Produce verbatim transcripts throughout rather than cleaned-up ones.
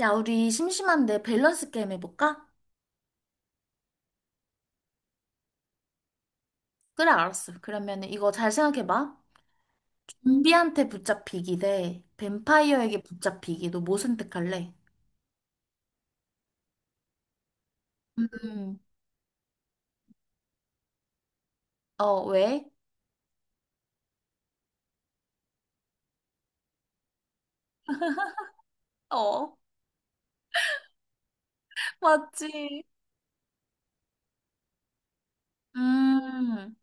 야, 우리 심심한데 밸런스 게임 해볼까? 그래, 알았어. 그러면 이거 잘 생각해봐. 좀비한테 붙잡히기 대 뱀파이어에게 붙잡히기. 너 뭐 선택할래? 음. 어, 왜? 어, 맞지. 음.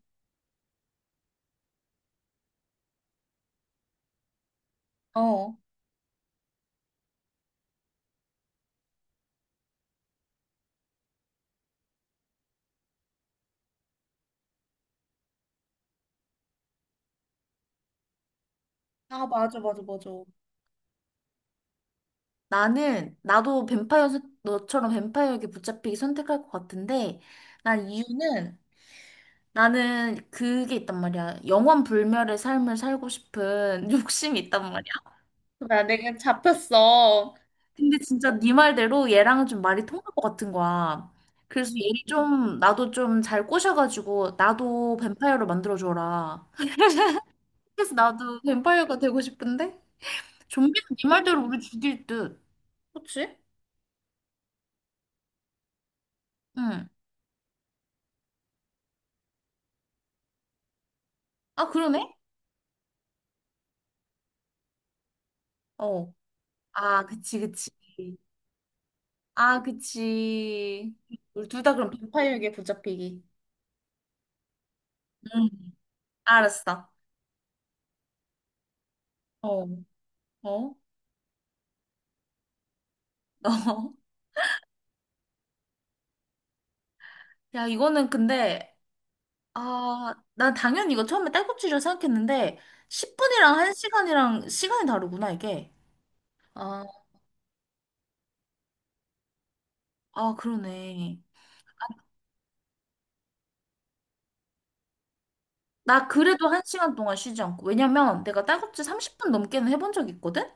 어. 아, 맞아, 맞아, 맞아. 나는, 나도 뱀파이어, 선- 너처럼 뱀파이어에게 붙잡히기 선택할 것 같은데, 난 이유는, 나는 그게 있단 말이야. 영원 불멸의 삶을 살고 싶은 욕심이 있단 말이야. 야, 내가 잡혔어. 근데 진짜 네 말대로 얘랑은 좀 말이 통할 것 같은 거야. 그래서 얘를 좀 나도 좀 잘 꼬셔가지고 나도 뱀파이어로 만들어줘라. 그래서 나도 뱀파이어가 되고 싶은데 좀비는 네 말대로 우리 죽일 듯. 그치? 응. 아, 그러네? 어. 아, 그치, 그치. 아, 그치. 우리 둘 다 그럼 뱀파이어에게 붙잡히기. 응, 알았어. 어, 어, 어. 야, 이거는 근데 아, 난 당연히 이거 처음에 딸꾹질이라 생각했는데, 십 분이랑 한 시간이랑 시간이 다르구나, 이게. 아, 아, 그러네. 나 그래도 한 시간 동안 쉬지 않고. 왜냐면 내가 딸꾹질 삼십 분 넘게는 해본 적이 있거든?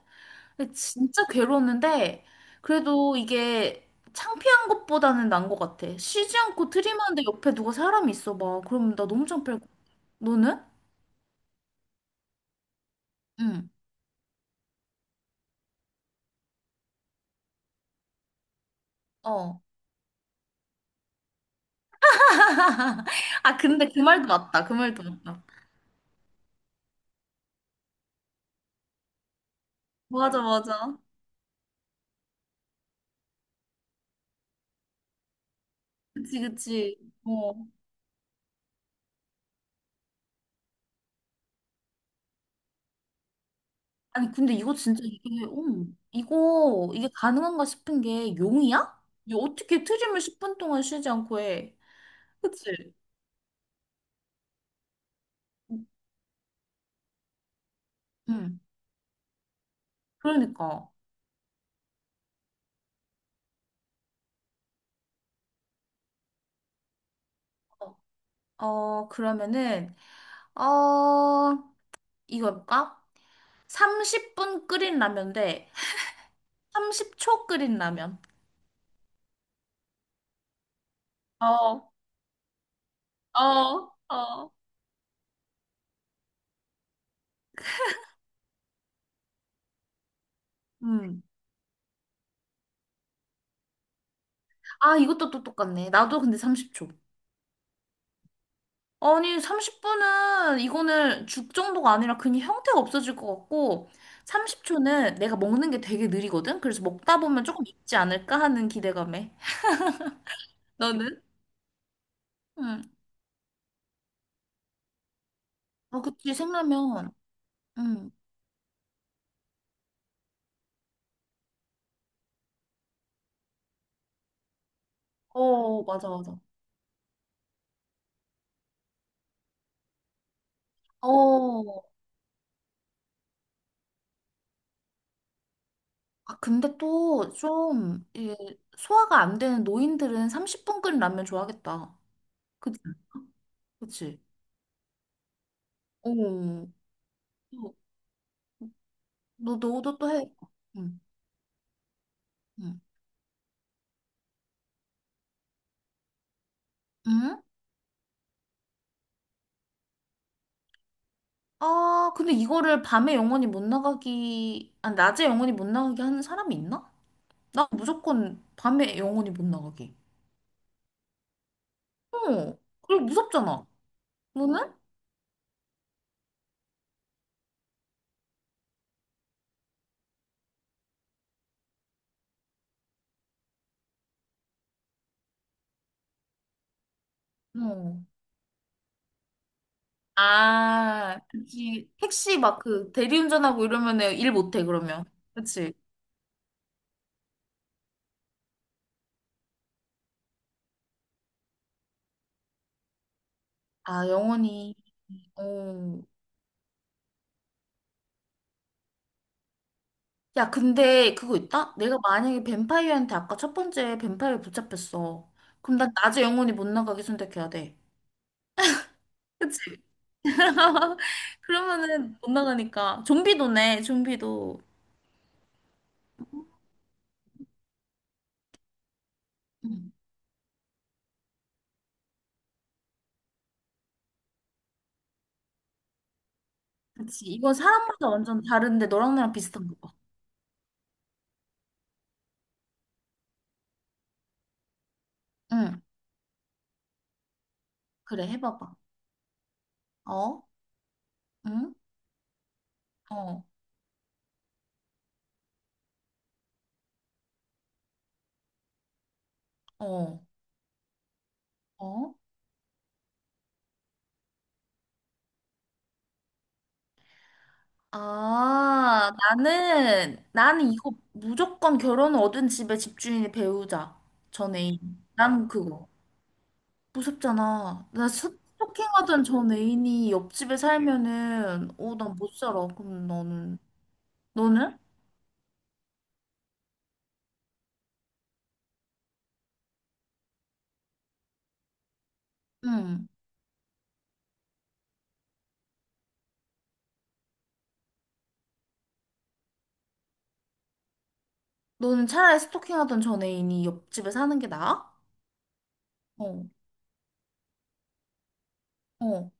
근데 진짜 괴로웠는데, 그래도 이게 창피한 것보다는 난 것 같아. 쉬지 않고 트림하는데 옆에 누가 사람이 있어 봐. 그럼 나 너무 창피할 것 같아. 너는? 응. 어. 아, 근데 그 말도 맞다. 그 말도 맞다. 맞아, 맞아. 그치, 그치. 어. 아니, 근데 이거 진짜 이게, 음, 이거, 이게 가능한가 싶은 게 용이야? 이게 어떻게 트림을 십 분 동안 쉬지 않고 해? 그치? 응, 그러니까. 어, 어, 그러면은, 어, 이거 해볼까? 삼십 분 끓인 라면 대 삼십 초 끓인 라면. 어, 어, 어. 음. 아, 이것도 또 똑같네. 나도 근데 삼십 초. 아니, 삼십 분은 이거는 죽 정도가 아니라 그냥 형태가 없어질 것 같고, 삼십 초는 내가 먹는 게 되게 느리거든? 그래서 먹다 보면 조금 익지 않을까 하는 기대감에. 너는? 응. 아, 그치, 생라면. 응. 어, 맞아, 맞아. 어. 아, 근데 또 좀, 이게 소화가 안 되는 노인들은 삼십 분 끓인 라면 좋아하겠다. 그치? 그치? 어. 너, 너도 또 해. 응. 응. 응? 아, 근데 이거를 밤에 영원히 못 나가기, 아, 낮에 영원히 못 나가게 하는 사람이 있나? 나 무조건 밤에 영원히 못 나가게. 어, 그리고 무섭잖아. 너는? 어. 아, 그치. 택시 막 그 대리운전하고 이러면 일 못해, 그러면. 그치. 아, 영원히. 어. 야, 근데 그거 있다? 내가 만약에 뱀파이어한테 아까 첫 번째 뱀파이어 붙잡혔어. 그럼 난 낮에 영원히 못 나가게 선택해야 돼. 그치? 그러면은 못 나가니까. 좀비도네, 좀비도. 응. 그치. 이건 사람마다 완전 다른데 너랑 나랑 비슷한 거 봐. 응. 그래, 해봐봐. 어? 응? 어? 어? 어? 아, 나는, 나는 이거 무조건 결혼 얻은 집의 집주인이 배우자. 전 애인. 난 그거. 무섭잖아. 나 스- 스토킹하던 전 애인이 옆집에 살면은, 어, 난 못 살아. 그럼 너는. 너는? 응. 너는 차라리 스토킹하던 전 애인이 옆집에 사는 게 나아? 어, 어.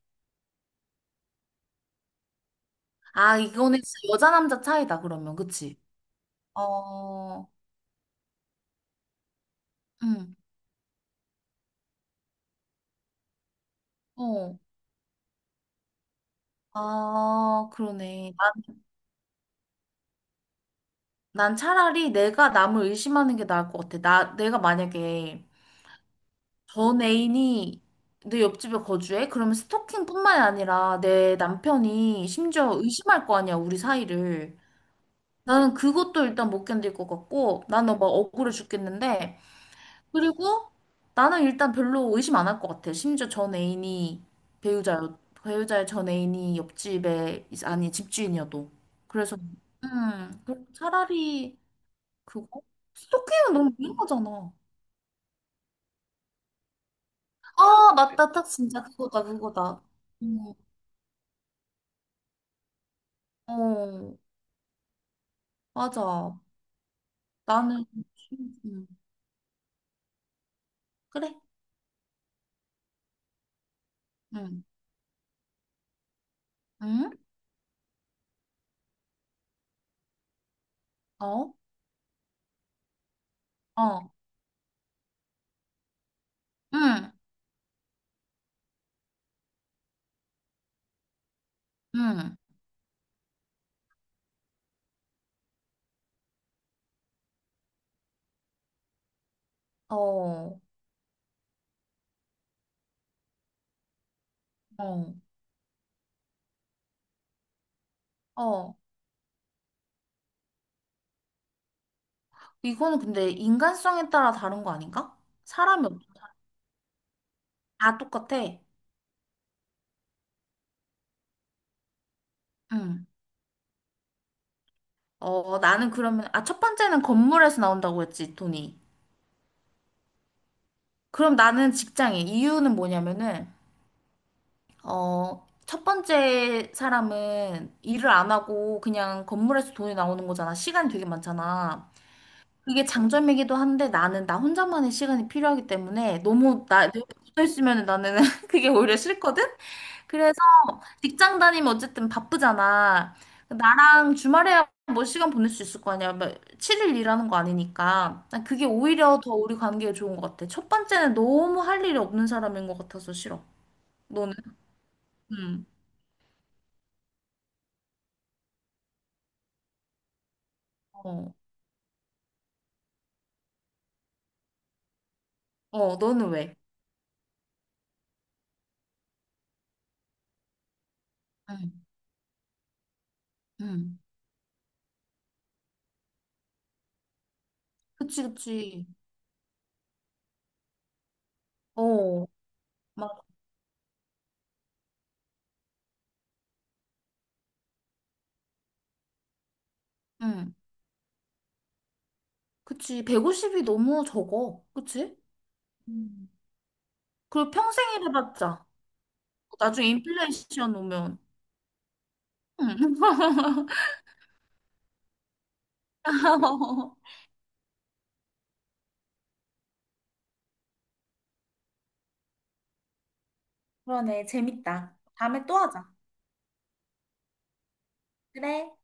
아, 이거는 진짜 여자 남자 차이다, 그러면. 그치? 어, 응, 어. 아, 그러네. 난, 난 차라리 내가 남을 의심하는 게 나을 것 같아. 나, 내가 만약에 전 애인이 내 옆집에 거주해? 그러면 스토킹뿐만이 아니라 내 남편이 심지어 의심할 거 아니야, 우리 사이를. 나는 그것도 일단 못 견딜 것 같고, 나는 막 억울해 죽겠는데, 그리고 나는 일단 별로 의심 안 할 것 같아. 심지어 전 애인이 배우자였, 배우자의 전 애인이 옆집에, 이사- 아니, 집주인이어도. 그래서, 음, 그 차라리 그거? 스토킹은 너무 위험하잖아. 아, 맞다. 딱 진짜 그거다, 그거다. 음, 어, 맞아. 나는, 음, 그래. 응, 응, 어, 어, 응, 응, 어, 어, 어. 이거는 근데 인간성에 따라 다른 거 아닌가? 사람이 없- 다 똑같아. 응. 어, 나는 그러면, 아, 첫 번째는 건물에서 나온다고 했지, 돈이. 그럼 나는 직장인. 이유는 뭐냐면은, 어, 첫 번째 사람은 일을 안 하고 그냥 건물에서 돈이 나오는 거잖아. 시간이 되게 많잖아. 그게 장점이기도 한데 나는 나 혼자만의 시간이 필요하기 때문에 너무 나, 내가 붙어 있으면 나는 그게 오히려 싫거든? 그래서 직장 다니면 어쨌든 바쁘잖아. 나랑 주말에야 뭐 시간 보낼 수 있을 거 아니야. 뭐 칠 일 일하는 거 아니니까. 난 그게 오히려 더 우리 관계에 좋은 것 같아. 첫 번째는 너무 할 일이 없는 사람인 것 같아서 싫어. 너는? 응. 어. 어, 너는 왜? 응. 응. 그치, 그치. 어. 막, 응. 그치. 백오십이 너무 적어. 그치? 음. 그리고 평생 일해봤자. 나중에 인플레이션 오면. 응. 그러네. 재밌다. 다음에 또 하자. 그래.